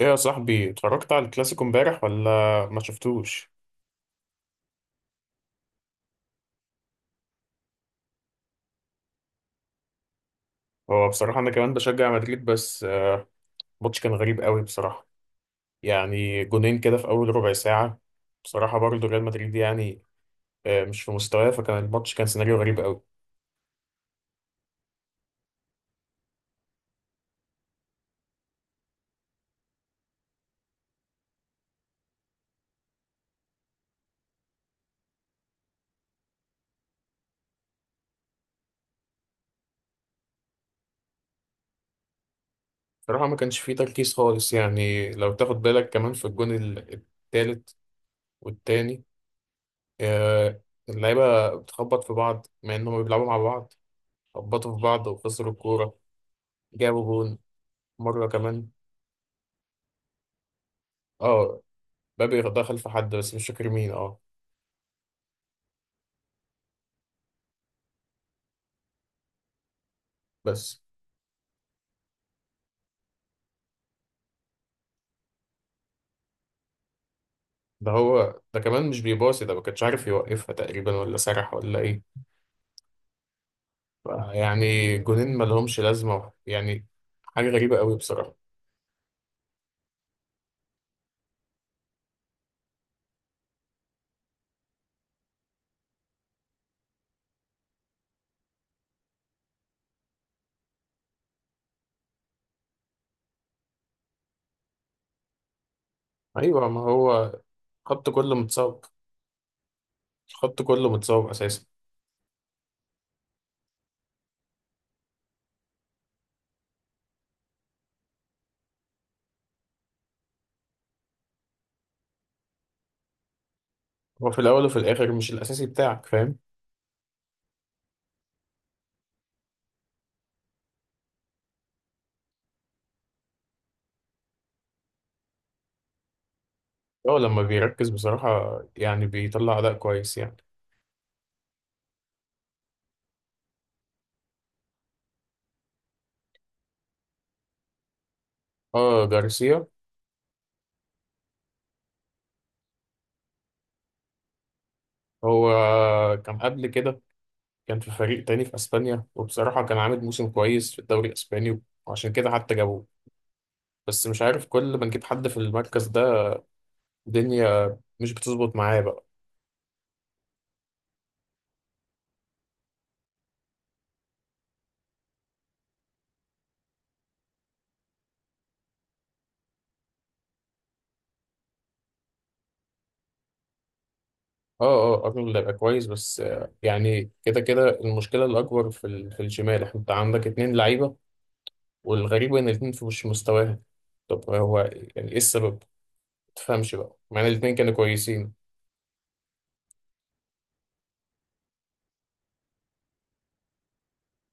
ايه يا صاحبي، اتفرجت على الكلاسيكو امبارح ولا ما شفتوش؟ هو بصراحة انا كمان بشجع مدريد، بس الماتش كان غريب قوي بصراحة. يعني جونين كده في اول ربع ساعة. بصراحة برضو ريال مدريد يعني مش في مستواه، فكان الماتش كان سيناريو غريب قوي. بصراحة ما كانش فيه تركيز خالص. يعني لو تاخد بالك كمان في الجون التالت والتاني. آه، اللعيبة بتخبط في بعض مع انهم بيلعبوا مع بعض. خبطوا في بعض وخسروا الكورة، جابوا جون مرة كمان. اه، مبابي دخل في حد بس مش فاكر مين. اه بس ده، هو ده كمان مش بيباصي، ده ما كانش عارف يوقفها تقريبا، ولا سرح ولا ايه. يعني جونين ما لهمش لازمه يعني، حاجه غريبه قوي بصراحه. ايوه، ما هو خط كله متصاب، الخط كله متصاب اساسا. هو في الاول وفي الاخر مش الاساسي بتاعك، فاهم. هو لما بيركز بصراحه يعني بيطلع اداء كويس يعني. اه جارسيا، هو كان قبل كده، كان في فريق تاني في اسبانيا، وبصراحه كان عامل موسم كويس في الدوري الاسباني، وعشان كده حتى جابوه. بس مش عارف، كل ما نجيب حد في المركز ده الدنيا مش بتظبط معاه بقى. اه اه، ارنولد هيبقى كويس، بس يعني كده كده المشكله الاكبر في في الشمال، احنا انت عندك اتنين لعيبه، والغريب ان الاتنين في مش مستواهم. طب هو يعني ايه السبب؟ ما تفهمش بقى مع ان الاتنين كانوا كويسين.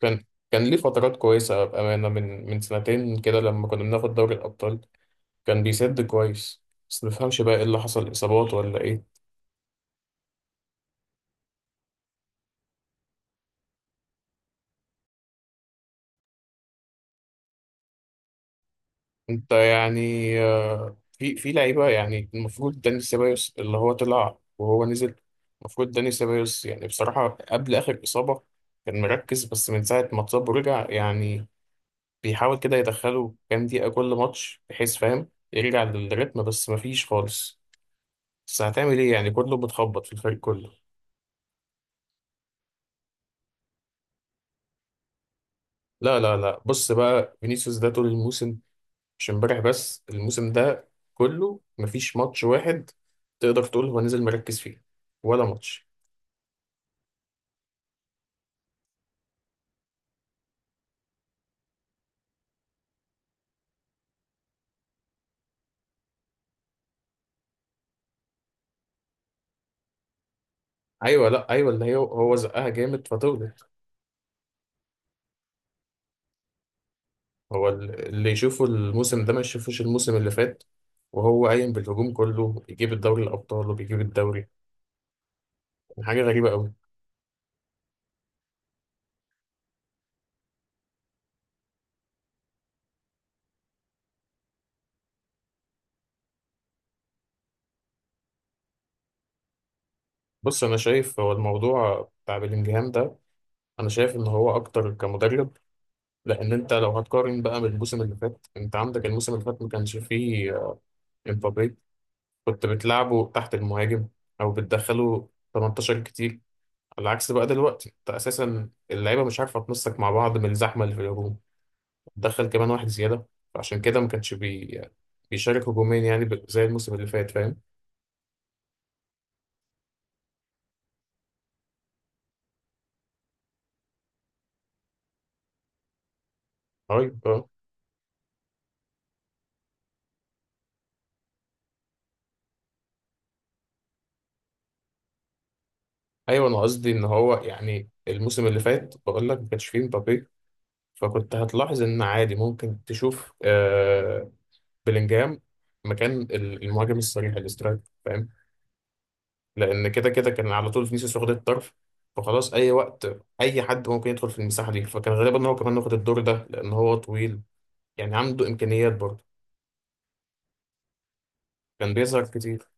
كان كان ليه فترات كويسة بأمانة، من سنتين كده لما كنا بناخد دوري الأبطال، كان بيسد كويس. بس مفهمش بقى ايه اللي حصل، اصابات ولا ايه. انت يعني في لعيبه، يعني المفروض داني سيبايوس اللي هو طلع وهو نزل. المفروض داني سيبايوس يعني بصراحه قبل اخر اصابه كان مركز، بس من ساعه ما اتصاب ورجع يعني بيحاول كده يدخله كام دقيقه كل ماتش، بحيث، فاهم، يرجع للريتم، بس مفيش خالص. بس هتعمل ايه، يعني كله بتخبط في الفريق كله. لا لا لا، بص بقى فينيسيوس ده طول الموسم، مش امبارح بس، الموسم ده كله مفيش ماتش واحد تقدر تقول هو نزل مركز فيه، ولا ماتش. ايوه، لا ايوه، اللي هي هو زقها جامد فتولد. هو اللي يشوفه الموسم ده ما يشوفوش الموسم اللي فات، وهو قايم بالهجوم كله، بيجيب الدوري الابطال وبيجيب الدوري. يعني حاجه غريبه قوي. بص، انا شايف هو الموضوع بتاع بلينجهام ده، انا شايف ان هو اكتر كمدرب. لان انت لو هتقارن بقى بالموسم اللي فات، انت عندك الموسم اللي فات ما كانش فيه امبابي. كنت بتلعبه تحت المهاجم او بتدخله 18 كتير. على عكس بقى دلوقتي، انت اساسا اللعيبه مش عارفه تنسق مع بعض من الزحمه اللي في الهجوم، تدخل كمان واحد زياده. فعشان كده ما كانش بيشارك هجومين، يعني زي الموسم اللي فات، فاهم. ايوه آه. ايوه انا قصدي ان هو يعني الموسم اللي فات، بقول لك ما كانش فيه مبابي، فكنت هتلاحظ ان عادي ممكن تشوف آه بلينجهام مكان المهاجم الصريح الاسترايك، فاهم؟ لان كده كده كان على طول فينيسيوس واخد الطرف، فخلاص اي وقت اي حد ممكن يدخل في المساحه دي، فكان غالبا ان هو كمان واخد الدور ده لان هو طويل يعني عنده امكانيات برضه، كان بيظهر كتير.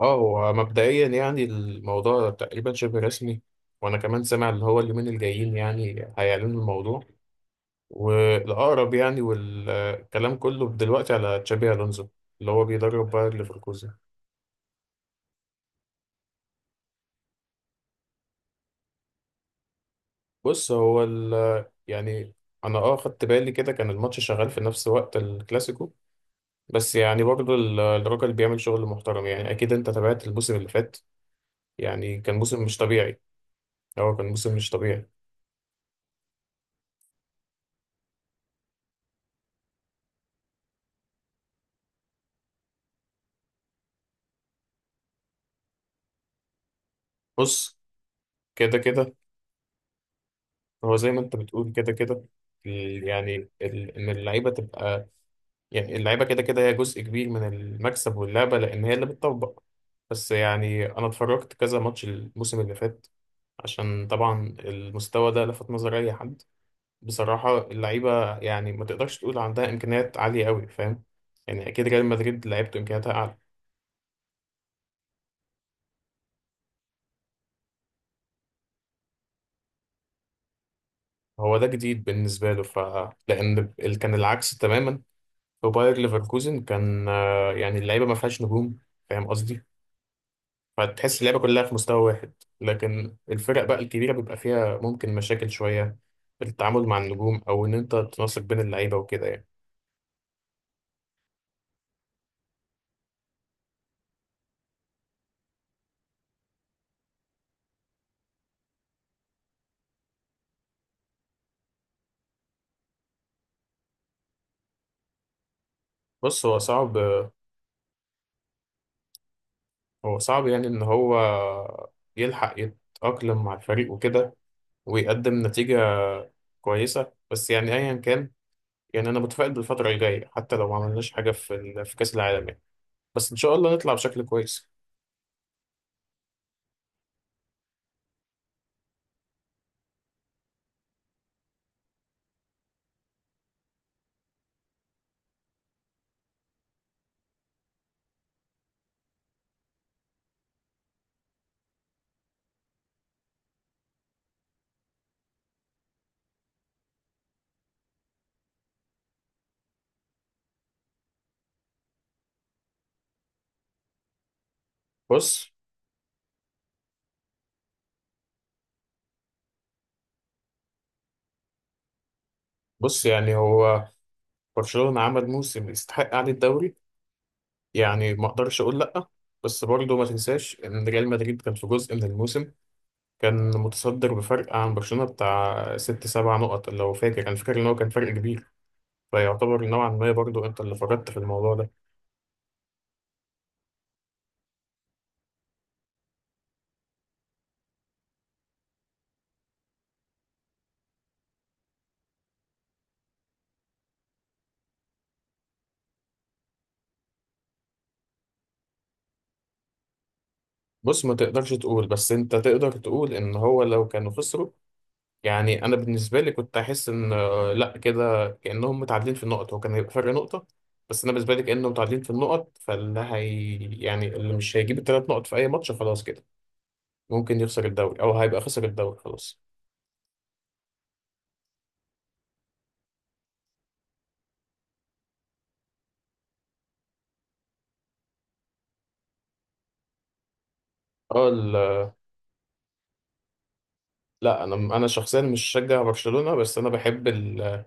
اه هو مبدئيا يعني الموضوع تقريبا شبه رسمي، وانا كمان سامع ان هو اليومين الجايين يعني هيعلنوا الموضوع، والاقرب يعني والكلام كله دلوقتي على تشابي الونزو اللي هو بيدرب باير ليفركوزن. بص هو يعني انا اه خدت بالي كده، كان الماتش شغال في نفس وقت الكلاسيكو، بس يعني برضه الراجل بيعمل شغل محترم يعني. اكيد انت تابعت الموسم اللي فات، يعني كان موسم مش طبيعي. هو كان موسم مش طبيعي. بص كده كده، هو زي ما انت بتقول كده كده يعني ان اللعيبه تبقى، يعني اللعيبه كده كده هي جزء كبير من المكسب واللعبه، لان هي اللي بتطبق. بس يعني انا اتفرجت كذا ماتش الموسم اللي فات عشان طبعا المستوى ده لفت نظر اي حد. بصراحة اللعيبة يعني ما تقدرش تقول عندها إمكانيات عالية أوي، فاهم. يعني أكيد ريال مدريد لعيبته إمكانياتها أعلى. هو ده جديد بالنسبة له ف، لأن كان العكس تماما في باير ليفركوزن، كان يعني اللعيبة ما فيهاش نجوم، فاهم قصدي، فتحس اللعيبة كلها في مستوى واحد. لكن الفرق بقى الكبيرة بيبقى فيها ممكن مشاكل شوية في التعامل مع النجوم، أو إن أنت تنسق بين اللعيبة وكده يعني. بص هو صعب، هو صعب يعني إن هو يلحق يتأقلم مع الفريق وكده ويقدم نتيجة كويسة، بس يعني أيا كان، يعني أنا متفائل بالفترة الجاية حتى لو ما عملناش حاجة في في كأس العالم يعني، بس إن شاء الله نطلع بشكل كويس. بص بص يعني هو برشلونة عمل موسم يستحق قعدة الدوري، يعني ما أقدرش أقول لأ. بس برضه ما تنساش إن ريال مدريد كان في جزء من الموسم كان متصدر بفرق عن برشلونة بتاع ست سبع نقط، لو فاكر، أنا فاكر إن هو كان فرق كبير، فيعتبر نوعا ما برضه أنت اللي فرطت في الموضوع ده. بص ما تقدرش تقول، بس انت تقدر تقول ان هو لو كانوا خسروا، يعني انا بالنسبه لي كنت احس ان لا كده كانهم متعادلين في النقط، هو كان هيبقى فرق نقطه، بس انا بالنسبه لي كانهم متعادلين في النقط، فاللي هي يعني اللي مش هيجيب الثلاث نقط في اي ماتش خلاص كده ممكن يخسر الدوري، او هيبقى خسر الدوري خلاص. اه لا انا شخصيا مش شجع برشلونه، بس انا بحب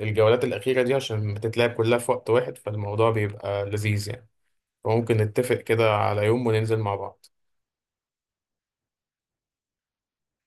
الجولات الاخيره دي عشان بتتلعب كلها في وقت واحد، فالموضوع بيبقى لذيذ يعني، فممكن نتفق كده على يوم وننزل مع بعض